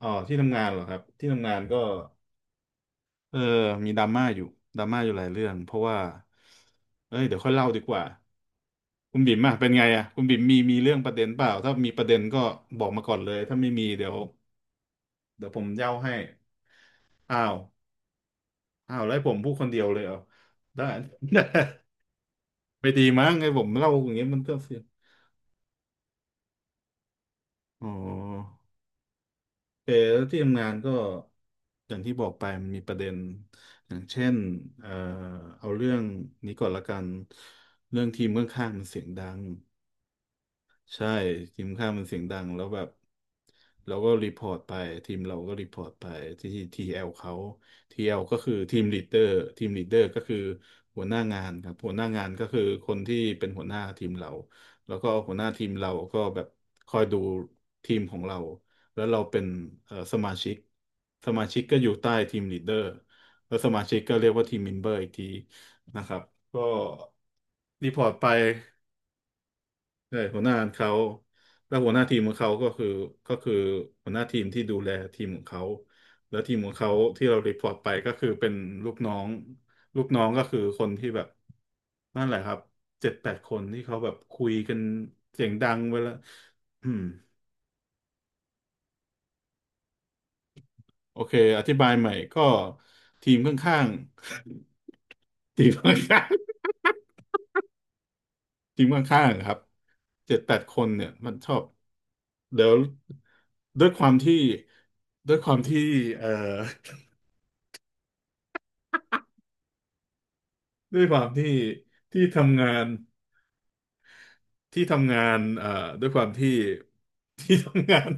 อ๋อที่ทำงานเหรอครับที่ทำงานก็เออมีดราม่าอยู่ดราม่าอยู่หลายเรื่องเพราะว่าเอ้ยเดี๋ยวค่อยเล่าดีกว่าคุณบิ่มอะเป็นไงอะคุณบิ่มมีเรื่องประเด็นเปล่าถ้ามีประเด็นก็บอกมาก่อนเลยถ้าไม่มีเดี๋ยวผมเย่าให้อ้าวอ้าวแล้วให้ผมพูดคนเดียวเลยเหรอได้ ไม่ดีมั้งไงผมเล่าอย่างเงี้ยมันก็เสียอ๋อ เออแล้วที่ทำงานก็อย่างที่บอกไปมันมีประเด็นอย่างเช่นเอ่อเอาเรื่องนี้ก่อนละกันเรื่องทีมเมืองข้างๆมันเสียงดัง ใช่ทีมข้ามมันเสียงดังแล้วแบบเราก็รีพอร์ตไปทีมเราก็รีพอร์ตไปที่ทีเอลเขาทีเอลก็คือทีมลีดเดอร์ทีมลีดเดอร์ก็คือหัวหน้างานครับหัวหน้างานก็คือคนที่เป็นหัวหน้าทีมเราแล้วก็หัวหน้าทีมเราก็แบบคอยดูทีมของเราแล้วเราเป็นสมาชิกสมาชิกก็อยู่ใต้ทีมลีดเดอร์แล้วสมาชิกก็เรียกว่าทีมเมมเบอร์อีกทีนะครับก็รีพอร์ตไป ใช่หัวหน้าเขาแล้วหัวหน้าทีมของเขาก็คือก็คือหัวหน้าทีมที่ดูแลทีมของเขาแล้วทีมของเขาที่เรารีพอร์ตไปก็คือเป็นลูกน้องลูกน้องก็คือคนที่แบบนั่นแหละครับเจ็ดแปดคนที่เขาแบบคุยกันเสียงดังเวลาอืมโอเคอธิบายใหม่ก็ทีมข้างๆ ทีมข้าง ทีมข้างๆอะครับเจ็ดแปดคนเนี่ยมันชอบเดี๋ยวด้วยความที่ด้วยความที่เอ่อ ด้วยความที่ที่ทำงานที่ทำงานด้วยความที่ ที่ทำงาน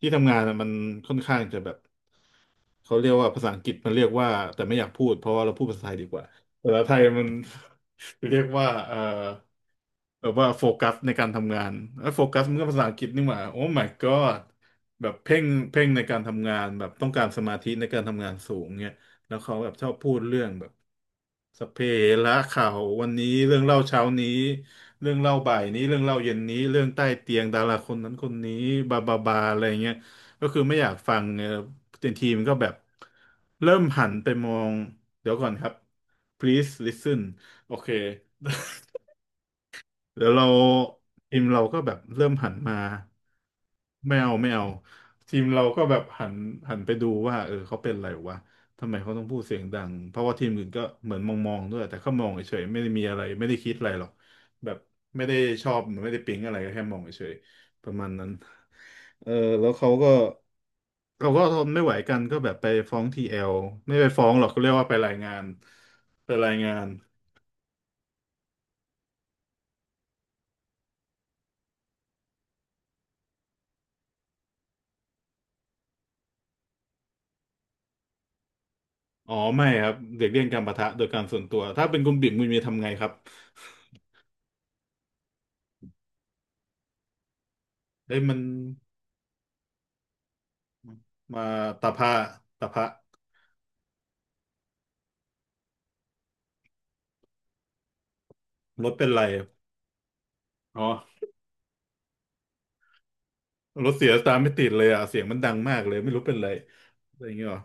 ที่ทำงานอะมันค่อนข้างจะแบบ เขาเรียกว่าภาษาอังกฤษมันเรียกว่าแต่ไม่อยากพูดเพราะว่าเราพูดภาษาไทยดีกว่าภาษาไทยมัน เรียกว่าแบบว่าโฟกัสในการทำงานเอ้ยโฟกัสมันก็ภาษาอังกฤษนี่หว่าโอ้ my god แบบเพ่งเพ่งในการทำงานแบบต้องการสมาธิในการทำงานสูงเนี่ยแล้วเขาแบบชอบพูดเรื่องแบบสัพเพเหระข่าววันนี้เรื่องเล่าเช้านี้เรื่องเล่าบ่ายนี้เรื่องเล่าเย็นนี้เรื่องใต้เตียงดาราคนนั้นคนนี้บาบาบาอะไรเงี้ย ก็คือไม่อยากฟังเออทีมก็แบบเริ่มหันไปมองเดี๋ยวก่อนครับ please listen โอเค แล้วเราทีมเราก็แบบเริ่มหันมาไม่เอาไม่เอาทีมเราก็แบบหันไปดูว่าเออเขาเป็นอะไรวะทำไมเขาต้องพูดเสียงดังเพราะว่าทีมอื่นก็เหมือนมองด้วยแต่เขามองเฉยๆไม่ได้มีอะไรไม่ได้คิดอะไรหรอกแบบไม่ได้ชอบหรือไม่ได้ปิ๊งอะไรก็แค่มองเฉยๆประมาณนั้นเออแล้วเขาก็เขาก็ทนไม่ไหวกันก็แบบไปฟ้องทีเอลไม่ไปฟ้องหรอกเขาเรียกว่าไปรายงานไปรายงาน อ๋อไม่ครับเด็กเลี่ยงการปะทะโดยการส่วนตัวถ้าเป็นคุณบิ่มคุณมีทำไงครับเฮ้ยมันมาตะพะตะพะรถเป็นไรอ๋อรถเสียสตาร์ทไม่ติดเลยอ่ะเสียงมันดังมากเลยไม่รู้เป็นไรอะไรอย่างเงี้ยเหรอ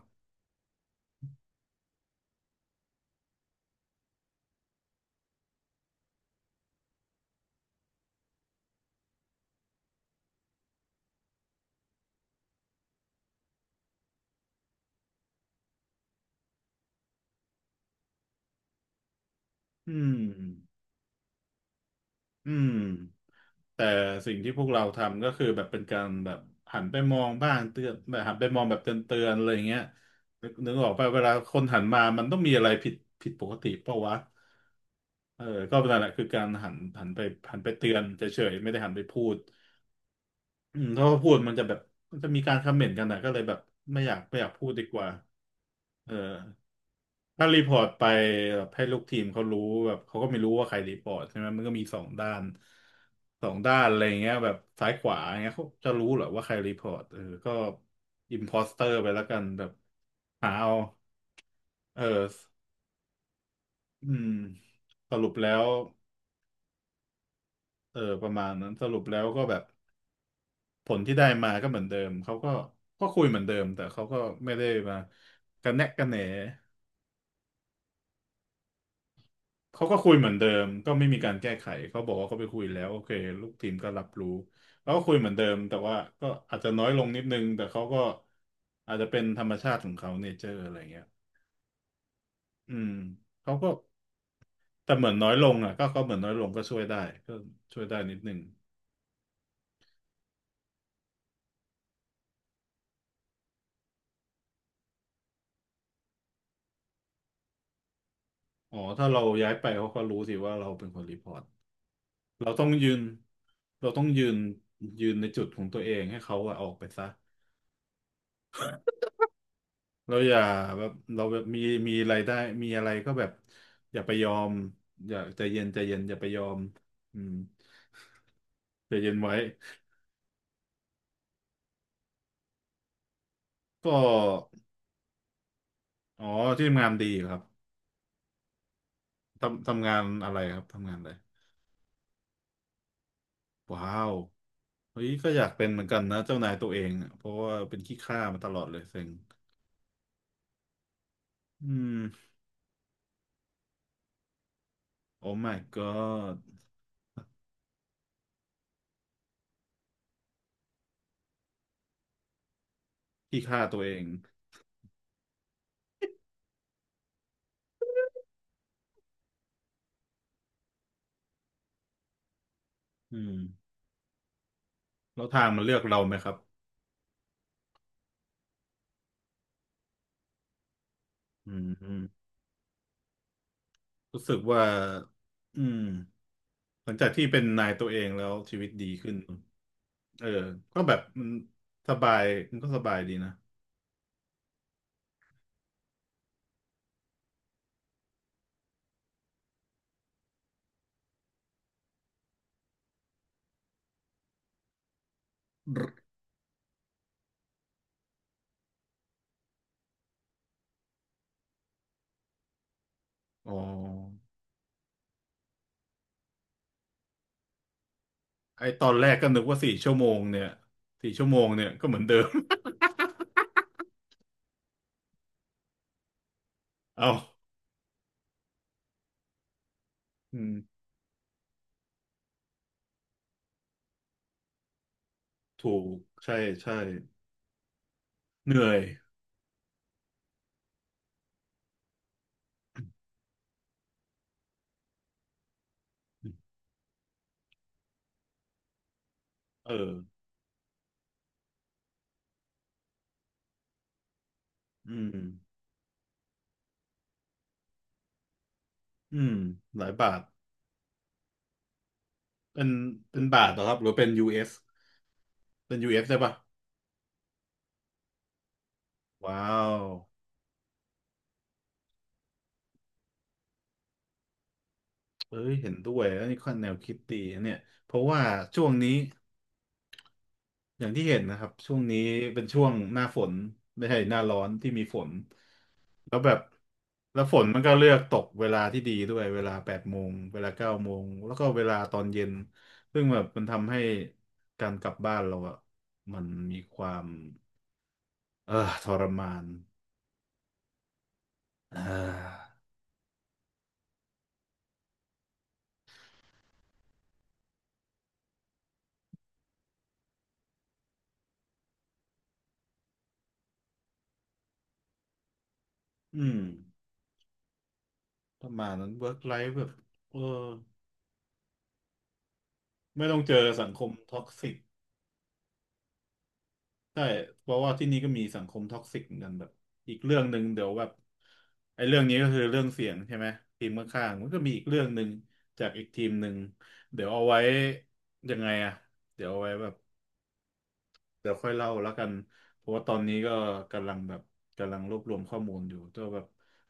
อืม อืมแต่สิ่งที่พวกเราทำก็คือแบบเป็นการแบบหันไปมองบ้างเตือนแบบหันไปมองแบบเตือนอะไรอย่างเงี้ยนึกออกป่ะเวลาคนหันมามันต้องมีอะไรผิดผิดปกติเปล่าวะเออก็นั่นแหละคือการหันไปหันไปเตือนเฉยๆไม่ได้หันไปพูดอืมถ้าว่าพูดมันจะแบบมันจะมีการคอมเมนต์กันนะก็เลยแบบไม่อยากพูดดีกว่าเออ ถ้ารีพอร์ตไปแบบให้ลูกทีมเขารู้แบบเขาก็ไม่รู้ว่าใครรีพอร์ตใช่ไหมมันก็มีสองด้านสองด้านอะไรอย่างเงี้ยแบบซ้ายขวาอย่างเงี้ยเขาจะรู้เหรอว่าใครรีพอร์ตเออก็อิมพอสเตอร์ไปแล้วกันแบบหาเอาเอออืมสรุปแล้วเออประมาณนั้นสรุปแล้วก็แบบผลที่ได้มาก็เหมือนเดิมเขาก็ก็คุยเหมือนเดิมแต่เขาก็ไม่ได้มากันแนะกันแหน เขาก็คุยเหมือนเดิมก็ไม่มีการแก้ไขเขาบอกว่าเขาไปคุยแล้วโอเคลูกทีมก็รับรู้เขาก็คุยเหมือนเดิมแต่ว่าก็อาจจะน้อยลงนิดนึงแต่เขาก็อาจจะเป็นธรรมชาติของเขาเนเจอร์อะไรเงี้ยอืมเขาก็แต่เหมือนน้อยลงอ่ะก็เขาเหมือนน้อยลงก็ช่วยได้ก็ช่วยได้นิดนึงอ๋อถ้าเราย้ายไปเขาก็รู้สิว่าเราเป็นคนรีพอร์ตเราต้องยืนเราต้องยืนยืนในจุดของตัวเองให้เขาอะออกไปซะ เราอย่าแบบเราแบบมีมีอะไรได้มีอะไรก็แบบอย่าไปยอมอย่าใจเย็นใจเย็นอย่าไปยอมอืมใจเย็นไว้ก็อ๋อที่ทำงานดีครับทำงานอะไรครับทำงานอะไรว้าวเฮ้ยก็อยากเป็นเหมือนกันนะเจ้านายตัวเองอะเพราะว่าเป็นขี้ข้ามาตลอดเลยเซ็งอืมโอ้ my god ขี้ข้าตัวเองอืมแล้วทางมันเลือกเราไหมครับอืมอืมรู้สึกว่าอืม หลังจากที่เป็นนายตัวเองแล้วชีวิตดีขึ้นเออก็แบบมันสบายมันก็สบายดีนะอ๋อไอตอนแรกก็นึกว่าสี่ชั่วโมงเนี่ยสี่ชั่วโมงเนี่ยก็เหมือนเดิม เอาอืมถูกใช่ใช่เหนื่อยเอออืมอืมหลายบาทเป็นเป็นบาทเหรอครับหรือเป็น US เอสเป็น US ได้ปะว้าวเอ้ยเห็นด้วยอันนี้ค่อนแนวคิดดีนะเนี่ยเพราะว่าช่วงนี้ อย่างที่เห็นนะครับช่วงนี้เป็นช่วงหน้าฝนไม่ใช่หน้าร้อนที่มีฝนแล้วแบบแล้วฝนมันก็เลือกตกเวลาที่ดีด้วยเวลา8 โมงเวลา9 โมงแล้วก็เวลาตอนเย็นซึ่งแบบมันทำให้การกลับบ้านเราอะมันมีความเออทรมานอ่าอืมประมาณนั้นเวิร์กไลฟ์แบบเออไม่ต้องเจอสังคมท็อกซิก ใช่เพราะว่าที่นี่ก็มีสังคมท็อกซิกเหมือนกันแบบอีกเรื่องหนึ่งเดี๋ยวแบบไอ้เรื่องนี้ก็คือเรื่องเสียงใช่ไหมทีมข้างๆมันก็มีอีกเรื่องหนึ่งจากอีกทีมหนึ่งเดี๋ยวเอาไว้ยังไงอะเดี๋ยวเอาไว้แบบเดี๋ยวค่อยเล่าแล้วกันเพราะว่าตอนนี้ก็กำลังแบบกำลังรวบรวมข้อมูลอยู่ตัวแบบ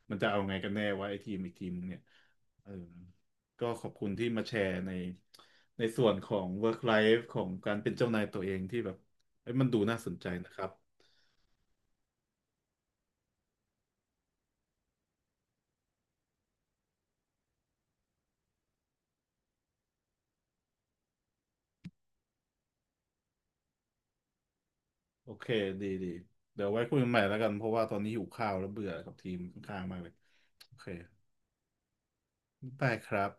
มันจะเอาไงกันแน่ว่าไอ้ทีมอีกทีมเนี่ยเออก็ขอบคุณที่มาแชร์ในในส่วนของ work life ของการเป็นเจ้านายตัวเองที่แบบเอ้ยมันดูน่าสนใจนะครับ โอเคดีเดี๋ยวไว้คุยกันใหม่แล้วกันเพราะว่าตอนนี้หิวข้าวแล้วเบื่อกับทีมข้างๆมากเลยโอเคได้ครับ